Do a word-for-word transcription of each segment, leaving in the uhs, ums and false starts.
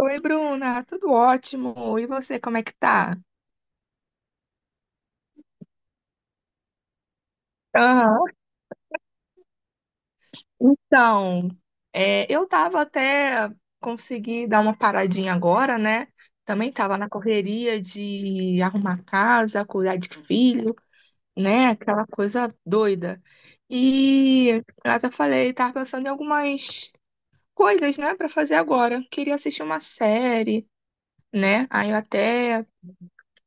Oi, Bruna, tudo ótimo. E você, como é que tá? Aham. Então, é, eu tava até consegui dar uma paradinha agora, né? Também tava na correria de arrumar casa, cuidar de filho, né? Aquela coisa doida. E eu até falei, tava pensando em algumas coisas, né, pra fazer agora. Queria assistir uma série, né? Aí eu até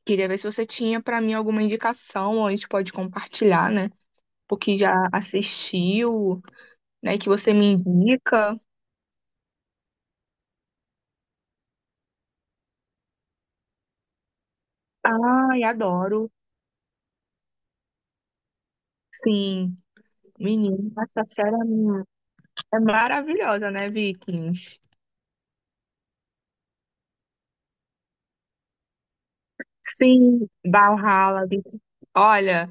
queria ver se você tinha pra mim alguma indicação, ou a gente pode compartilhar, né? Porque já assistiu, né? Que você me indica. Ai, adoro. Sim, menina, essa série é mu- é maravilhosa, né, Vikings? Sim, Valhalla, Vikings. Olha,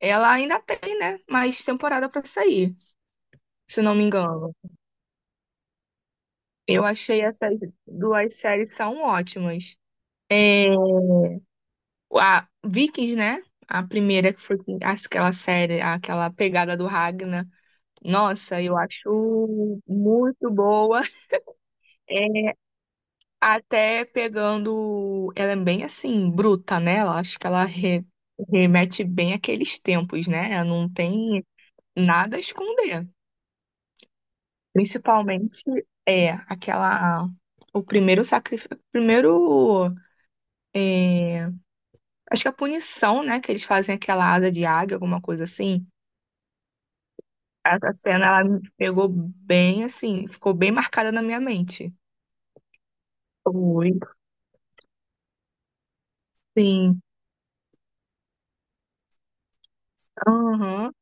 ela ainda tem, né, mais temporada pra sair, se não me engano. Eu achei essas duas séries são ótimas. É, a Vikings, né? A primeira que foi com- aquela série, aquela pegada do Ragnar. Nossa, eu acho muito boa. É, até pegando. Ela é bem assim, bruta, né? Ela, acho que ela re- remete bem àqueles tempos, né? Ela não tem nada a esconder. Principalmente é aquela. O primeiro sacrifício. Primeiro. é, Acho que a punição, né? Que eles fazem aquela asa de águia, alguma coisa assim. Essa cena, ela me pegou bem assim, ficou bem marcada na minha mente. Foi. Sim. Uhum.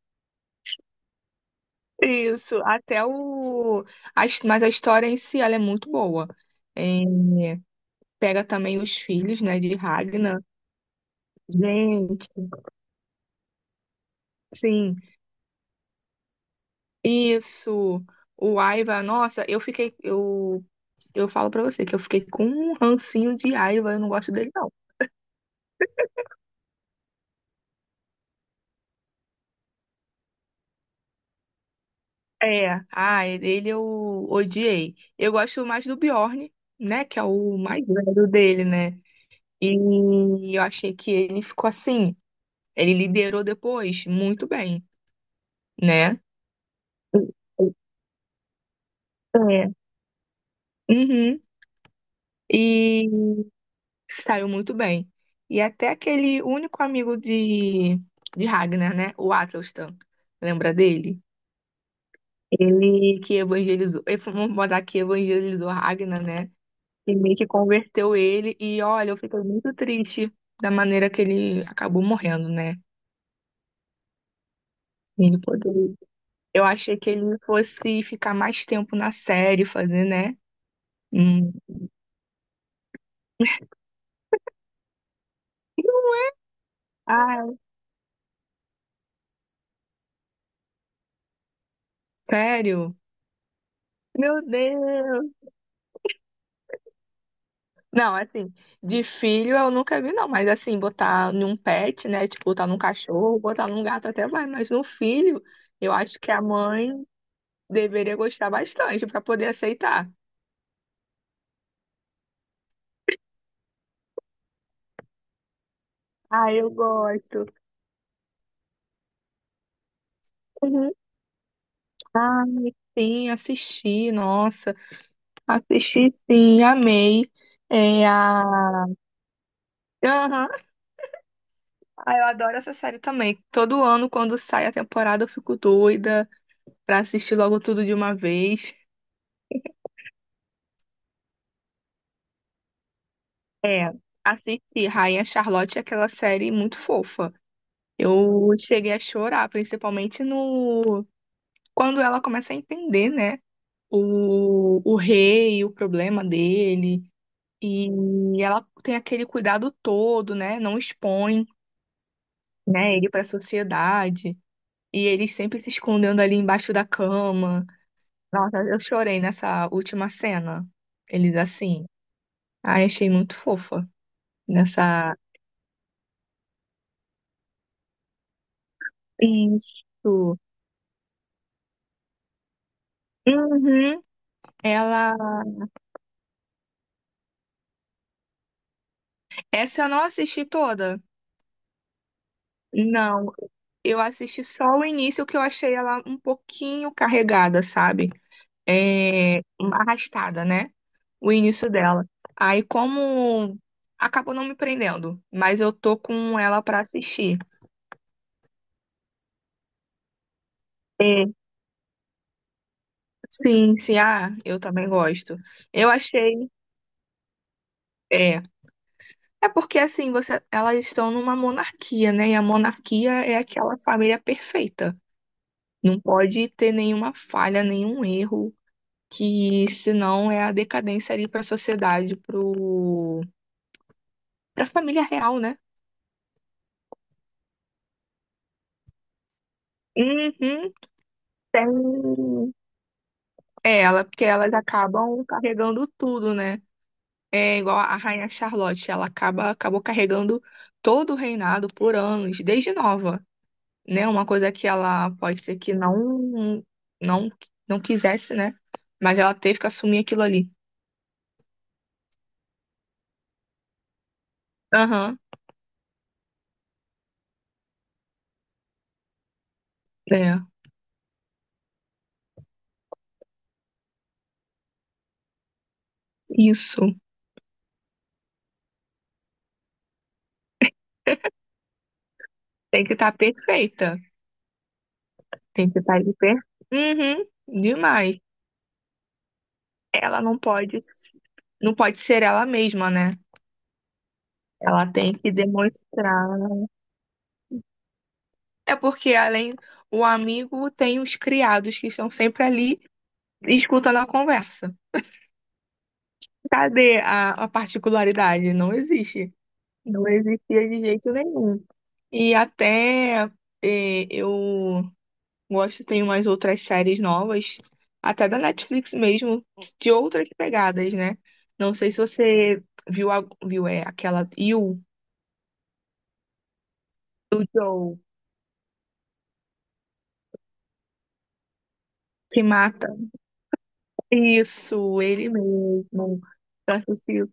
Isso, até o. a his- Mas a história em si, ela é muito boa. É, pega também os filhos, né, de Ragnar. Gente, sim. Isso. O Aiva, nossa, eu fiquei. Eu, eu falo pra você que eu fiquei com um rancinho de Aiva, eu não gosto dele, não. É, ah, ele eu odiei. Eu gosto mais do Bjorn, né, que é o mais velho dele, né? E eu achei que ele ficou assim. Ele liderou depois muito bem, né? É. Uhum. E saiu muito bem. E até aquele único amigo de, de Ragnar, né? O Atelstan. Lembra dele? Ele que evangelizou. Ele foi, vamos botar que evangelizou Ragnar, né? E meio que converteu ele. E olha, eu fiquei muito triste da maneira que ele acabou morrendo, né? Ele poderia. Eu achei que ele fosse ficar mais tempo na série, fazer, né? Hum. Sério? Meu Deus! Não, assim, de filho eu nunca vi, não, mas assim, botar num pet, né? Tipo, botar num cachorro, botar num gato até vai, mas no filho, eu acho que a mãe deveria gostar bastante pra poder aceitar. Ah, eu gosto. Uhum. Ah, sim, assisti, nossa, assisti sim, amei. É a. Aham. Ah, eu adoro essa série também. Todo ano, quando sai a temporada, eu fico doida pra assistir logo tudo de uma vez. É, assisti Rainha Charlotte, é aquela série muito fofa. Eu cheguei a chorar, principalmente no quando ela começa a entender, né, o, o rei, o problema dele, e ela tem aquele cuidado todo, né, não expõe, né, ele para a sociedade, e ele sempre se escondendo ali embaixo da cama. Nossa, eu chorei nessa última cena. Eles assim, ai, achei muito fofa nessa. Isso. Uhum. Ela, essa eu não assisti toda. Não, eu assisti só o início, que eu achei ela um pouquinho carregada, sabe? Arrastada, né? O início dela. Aí como acabou não me prendendo, mas eu tô com ela pra assistir. É. Sim, sim, ah, eu também gosto. Eu achei, é, é porque assim, você, elas estão numa monarquia, né? E a monarquia é aquela família perfeita. Não pode ter nenhuma falha, nenhum erro. Que senão é a decadência ali para a sociedade, pro para a família real, né? Uhum, tem. É ela, porque elas acabam carregando tudo, né? É igual a Rainha Charlotte, ela acaba acabou carregando todo o reinado por anos, desde nova, né? Uma coisa que ela pode ser que não não não quisesse, né? Mas ela teve que assumir aquilo ali. Aham, é. Isso. Tem que estar perfeita. Tem que estar de perto. Uhum, demais. Ela não pode, não pode ser ela mesma, né? Ela tem que demonstrar. É porque além o amigo tem os criados que estão sempre ali escutando a conversa. Cadê a, a particularidade? Não existe. Não existia de jeito nenhum. E até eh, eu Gosto, tem umas outras séries novas, até da Netflix mesmo, de outras pegadas, né? Não sei se você viu, a- viu é, aquela You, do Joe, que mata. Isso, ele mesmo. Eu assisti.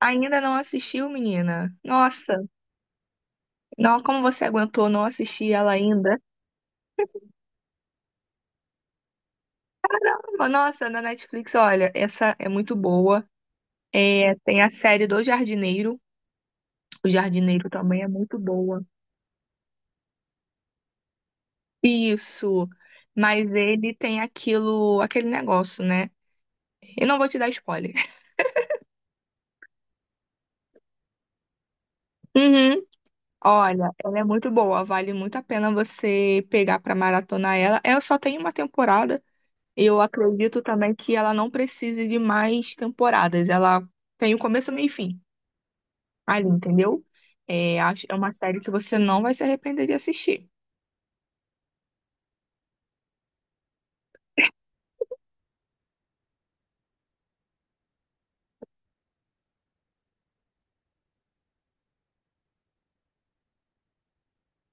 Ainda não assistiu, menina? Nossa, não, como você aguentou não assistir ela ainda? Caramba, nossa, na Netflix, olha, essa é muito boa. É, tem a série do Jardineiro. O Jardineiro também é muito boa. Isso. Mas ele tem aquilo, aquele negócio, né? Eu não vou te dar spoiler. Uhum. Olha, ela é muito boa, vale muito a pena você pegar pra maratonar ela. Eu só tenho uma temporada. Eu acredito também que ela não precise de mais temporadas. Ela tem o começo, meio e fim ali, entendeu? É, acho- é uma série que você não vai se arrepender de assistir.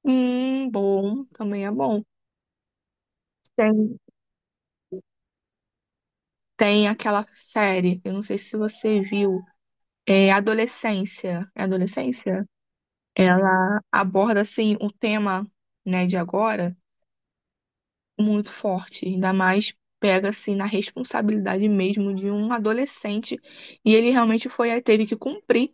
Hum, bom, também é bom. Tem, tem aquela série, eu não sei se você viu. É adolescência. É adolescência? Ela aborda, assim, um tema, né, de agora muito forte. Ainda mais pega, assim, na responsabilidade mesmo de um adolescente. E ele realmente foi, teve que cumprir,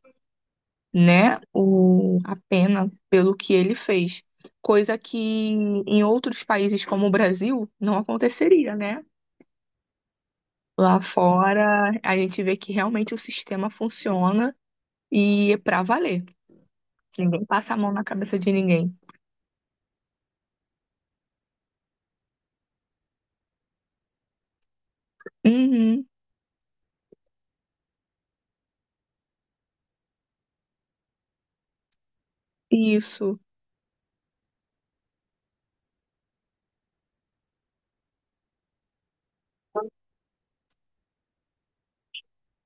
né, o, a pena pelo que ele fez. Coisa que em outros países como o Brasil não aconteceria, né? Lá fora, a gente vê que realmente o sistema funciona e é pra valer. Ninguém passa a mão na cabeça de ninguém. Uhum, isso.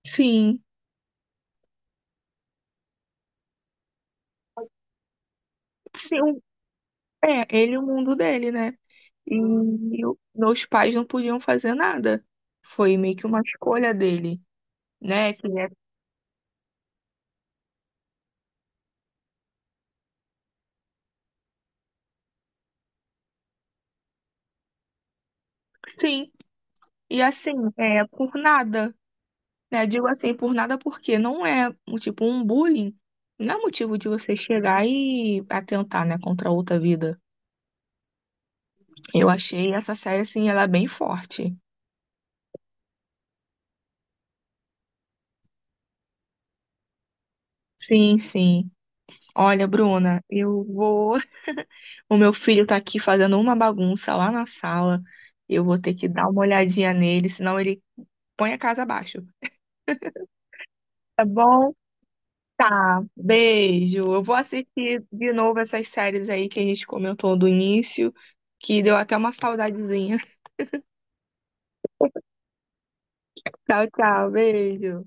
Sim. Sim, o- É, ele e o mundo dele, né? E o- meus pais não podiam fazer nada. Foi meio que uma escolha dele, né? Que é. Sim. E assim, é por nada, né? Digo assim, por nada porque não é, um tipo, um bullying. Não é motivo de você chegar e atentar, né, contra outra vida. Eu achei essa série, assim, ela é bem forte. Sim, sim. Olha, Bruna, eu vou. O meu filho tá aqui fazendo uma bagunça lá na sala. Eu vou ter que dar uma olhadinha nele, senão ele põe a casa abaixo. Tá bom? Tá. Beijo. Eu vou assistir de novo essas séries aí que a gente comentou do início, que deu até uma saudadezinha. Tchau, tchau. Beijo.